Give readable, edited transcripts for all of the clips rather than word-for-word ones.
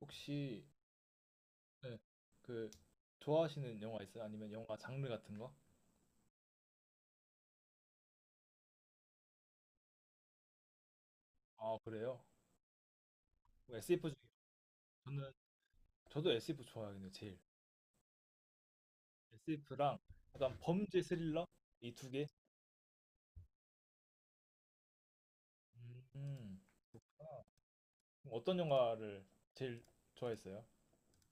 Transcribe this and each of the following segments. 혹시, 네, 그 좋아하시는 영화 있어요? 아니면 영화 장르 같은 거? 아, 그래요? 뭐 SF 중에 저는, 저도 SF 좋아하긴 해요 제일. SF랑 약간 범죄 스릴러 이 두 개. 음. 아, 그럼 어떤 영화를 제일 좋아했어요?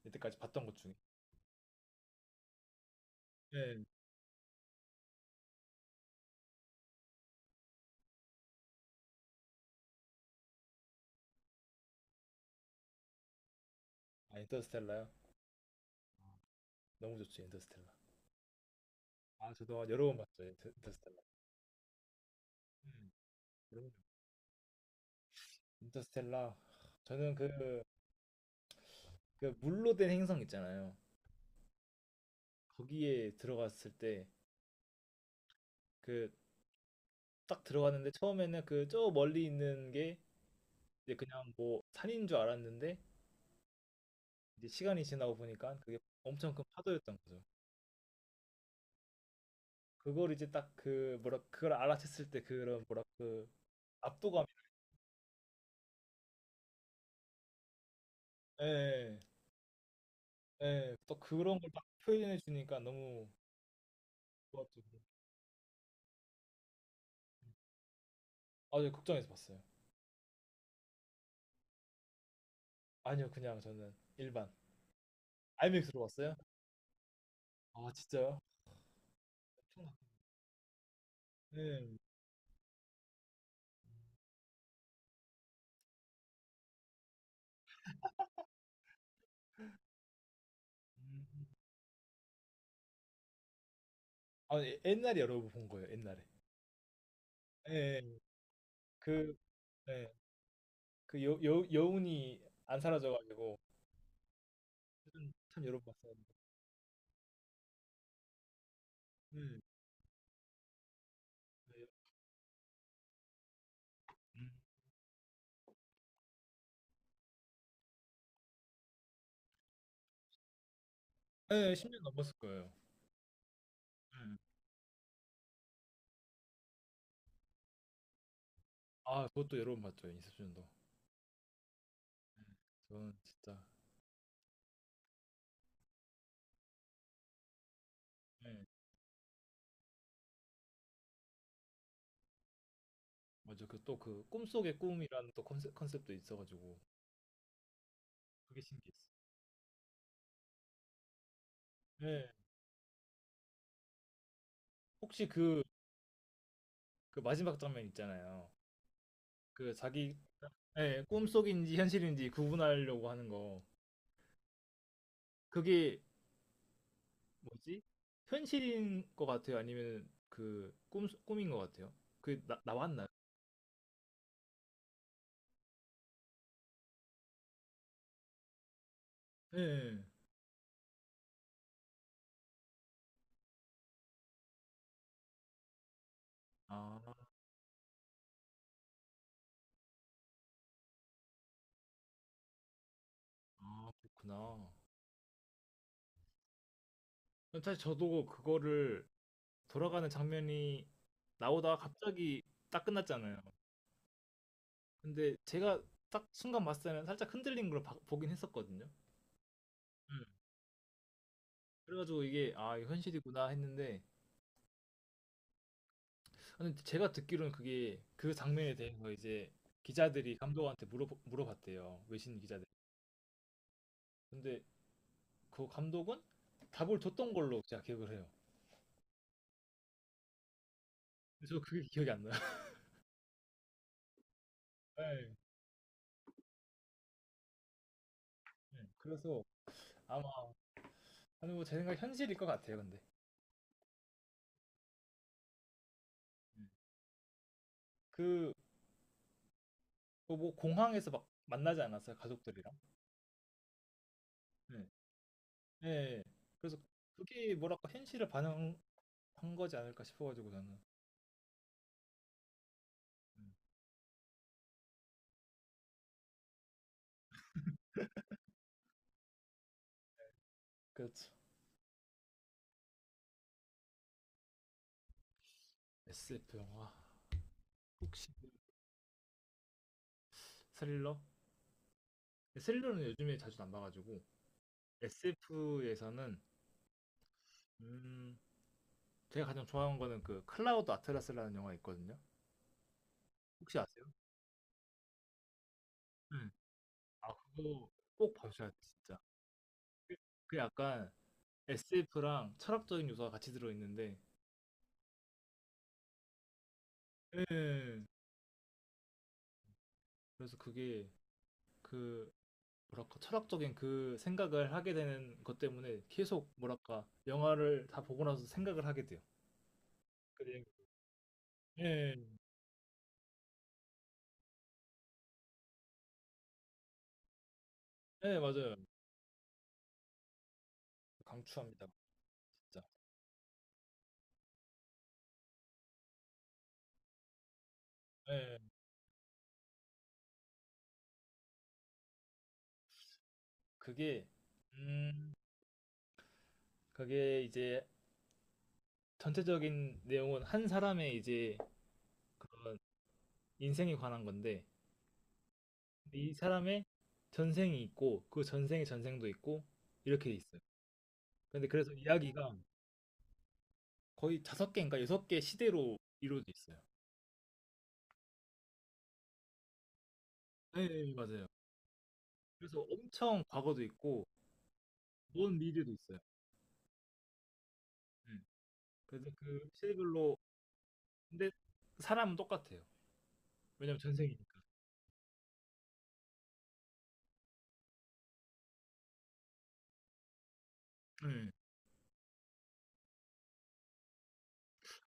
이때까지 봤던 것 중에. 네. 아, 인터스텔라요? 너무 좋죠 인터스텔라. 아, 저도 여러 번 봤죠 인터스텔라. 음, 그럼요. 인터스텔라. 저는 그 물로 된 행성 있잖아요. 거기에 들어갔을 때 그 딱 들어갔는데, 처음에는 그 저 멀리 있는 게 이제 그냥 뭐 산인 줄 알았는데, 이제 시간이 지나고 보니까 그게 엄청 큰 파도였던 거죠. 그걸 이제 딱, 그 뭐라, 그걸 알아챘을 때 그런 뭐라 그 압도감. 예, 예, 예. 또 그런 걸 딱 표현해 주니까 너무 좋았죠. 아, 저 극장에서 봤어요. 아니요, 그냥 저는 일반 IMAX로 봤어요. 아, 진짜요? 엄청나. 예. 음. 아, 예, 옛날에 여러 번 본 거예요. 옛날에. 예, 예. 그 예. 그 여운이 안 사라져가지고, 참, 참 여러 번 봤어요데. 네, 네, 음. 네, 10년 넘었을 거예요. 음. 아, 그것도 여러 번 봤죠 인셉션도. 저는 진짜. 네, 맞아. 그 또 그 꿈속의 꿈이라는 또 컨셉도 있어가지고 그게 신기했어. 네, 혹시 그, 그 마지막 장면 있잖아요. 그 자기. 네, 꿈속인지 현실인지 구분하려고 하는 거 그게 뭐지? 현실인 것 같아요? 아니면 그 꿈인 것 같아요? 그게 나왔나요? 예. 아. 아, 그렇구나. 사실 저도 그거를, 돌아가는 장면이 나오다가 갑자기 딱 끝났잖아요. 근데 제가 딱 순간 봤을 때는 살짝 흔들린 걸 보긴 했었거든요. 음. 그래 가지고 이게 '아, 이거 현실이구나.' 했는데, 근데 제가 듣기로는 그게 그 장면에 대해서 이제 기자들이 감독한테 물어봤대요, 외신 기자들이. 근데 그 감독은 답을 줬던 걸로 제가 기억을 해요. 근데 저 그게 기억이 안 나요. 네. 네. 그래서 아마, 아니 뭐, 제 생각 현실일 것 같아요 근데. 네. 그뭐 공항에서 막 만나지 않았어요 가족들이랑. 네. 네. 그래서 그게 뭐랄까 현실을 반영한 거지 않을까 싶어가지고 저는. 음. 그렇죠. SF 영화. 혹시 스릴러 스릴러는 요즘에 자주 안 봐가지고. SF에서는 음, 제가 가장 좋아하는 거는 그 클라우드 아틀라스라는 영화 있거든요. 혹시 아세요? 네. 아, 그거 꼭 봐주셔야 돼 진짜. 그 그 약간 SF랑 철학적인 요소가 같이 들어있는데. 예. 그래서 그게, 그 뭐랄까 철학적인 그 생각을 하게 되는 것 때문에 계속, 뭐랄까, 영화를 다 보고 나서 생각을 하게 돼요. 그게 음, 네, 맞아요. 강추합니다. 진짜. 네, 그게 음, 그게 이제 전체적인 내용은 한 사람의 이제 그런 인생에 관한 건데, 이 사람의 전생이 있고 그 전생의 전생도 있고 이렇게 있어요. 근데 그래서 이야기가 거의 다섯 개인가 여섯 개 시대로 이루어져 있어요. 네, 네, 맞아요. 그래서 엄청 과거도 있고 먼 미래도 있어요. 네. 그래서 그 시대별로, 근데 사람은 똑같아요. 왜냐면 전생이니까. 네.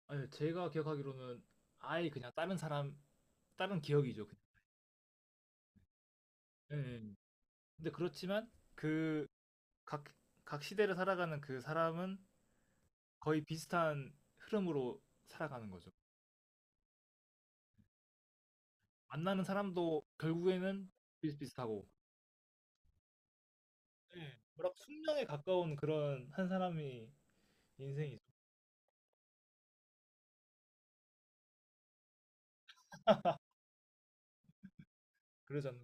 아니, 제가 기억하기로는 아예 그냥 다른 사람, 다른 기억이죠. 그냥. 네, 네. 근데 그렇지만 그 각 각 시대를 살아가는 그 사람은 거의 비슷한 흐름으로 살아가는 거죠. 만나는 사람도 결국에는 비슷비슷하고. 예. 뭐라 숙명에 가까운 그런 한 사람이 인생이죠. 그래서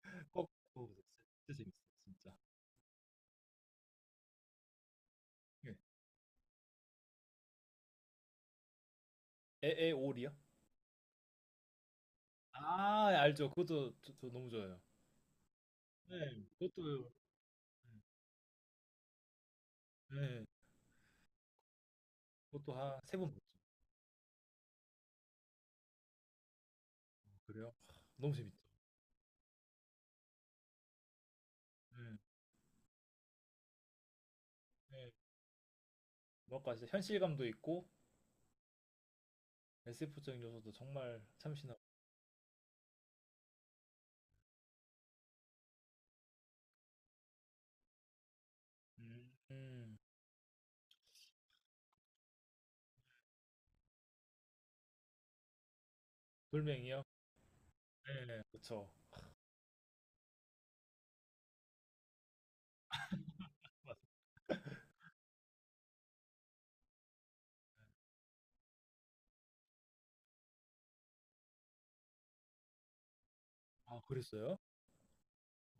저는 꼭 보고 있어요. 진짜 재밌어요, 진짜. 예. 에에올이요? 아, 알죠. 그것도 저 너무 좋아요. 네, 그것도. 네, 한 세번 봤죠. 어, 그래요? 너무 재밌죠. 네, 네. 뭐랄까 진짜 현실감도 있고 SF적인 요소도 정말 참신하고. 음, 음. 돌멩이요? 네, 그쵸. 맞아요. 아, 그랬어요?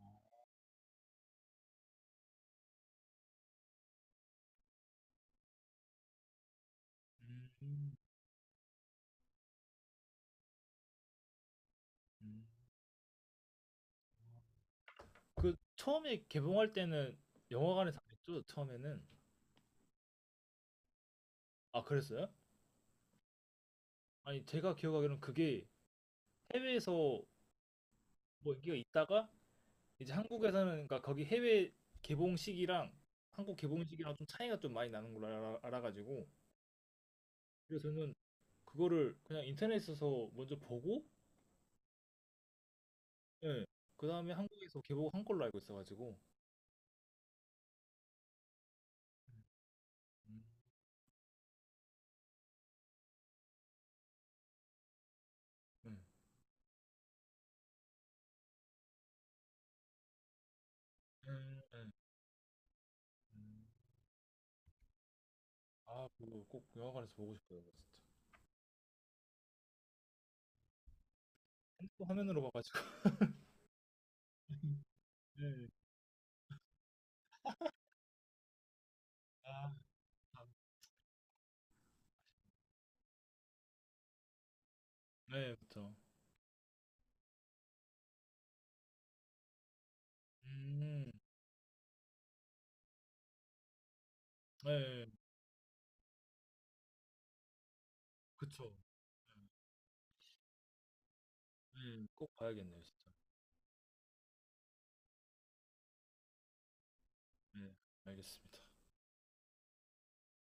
어. 음, 음. 그 처음에 개봉할 때는 영화관에서 안 했죠, 처음에는. 아, 그랬어요? 아니, 제가 기억하기로는 그게 해외에서 뭐 인기가 있다가 이제 한국에서는, 그러니까 거기 해외 개봉 시기랑 한국 개봉 시기랑 좀 차이가 좀 많이 나는 걸 알아가지고, 그래서 저는 그거를 그냥 인터넷에서 먼저 보고. 예. 그다음에 한국에서 개봉한 걸로 알고 있어가지고. 음, 음, 음, 음, 음. 아, 그거 꼭 영화관에서 보고 싶어요, 진짜. 핸드폰 화면으로 봐가지고. 예. 아. 아. 네, 그쵸. 음. 네, 그쵸. 네, 꼭 봐야겠네요 진짜. 네, 알겠습니다.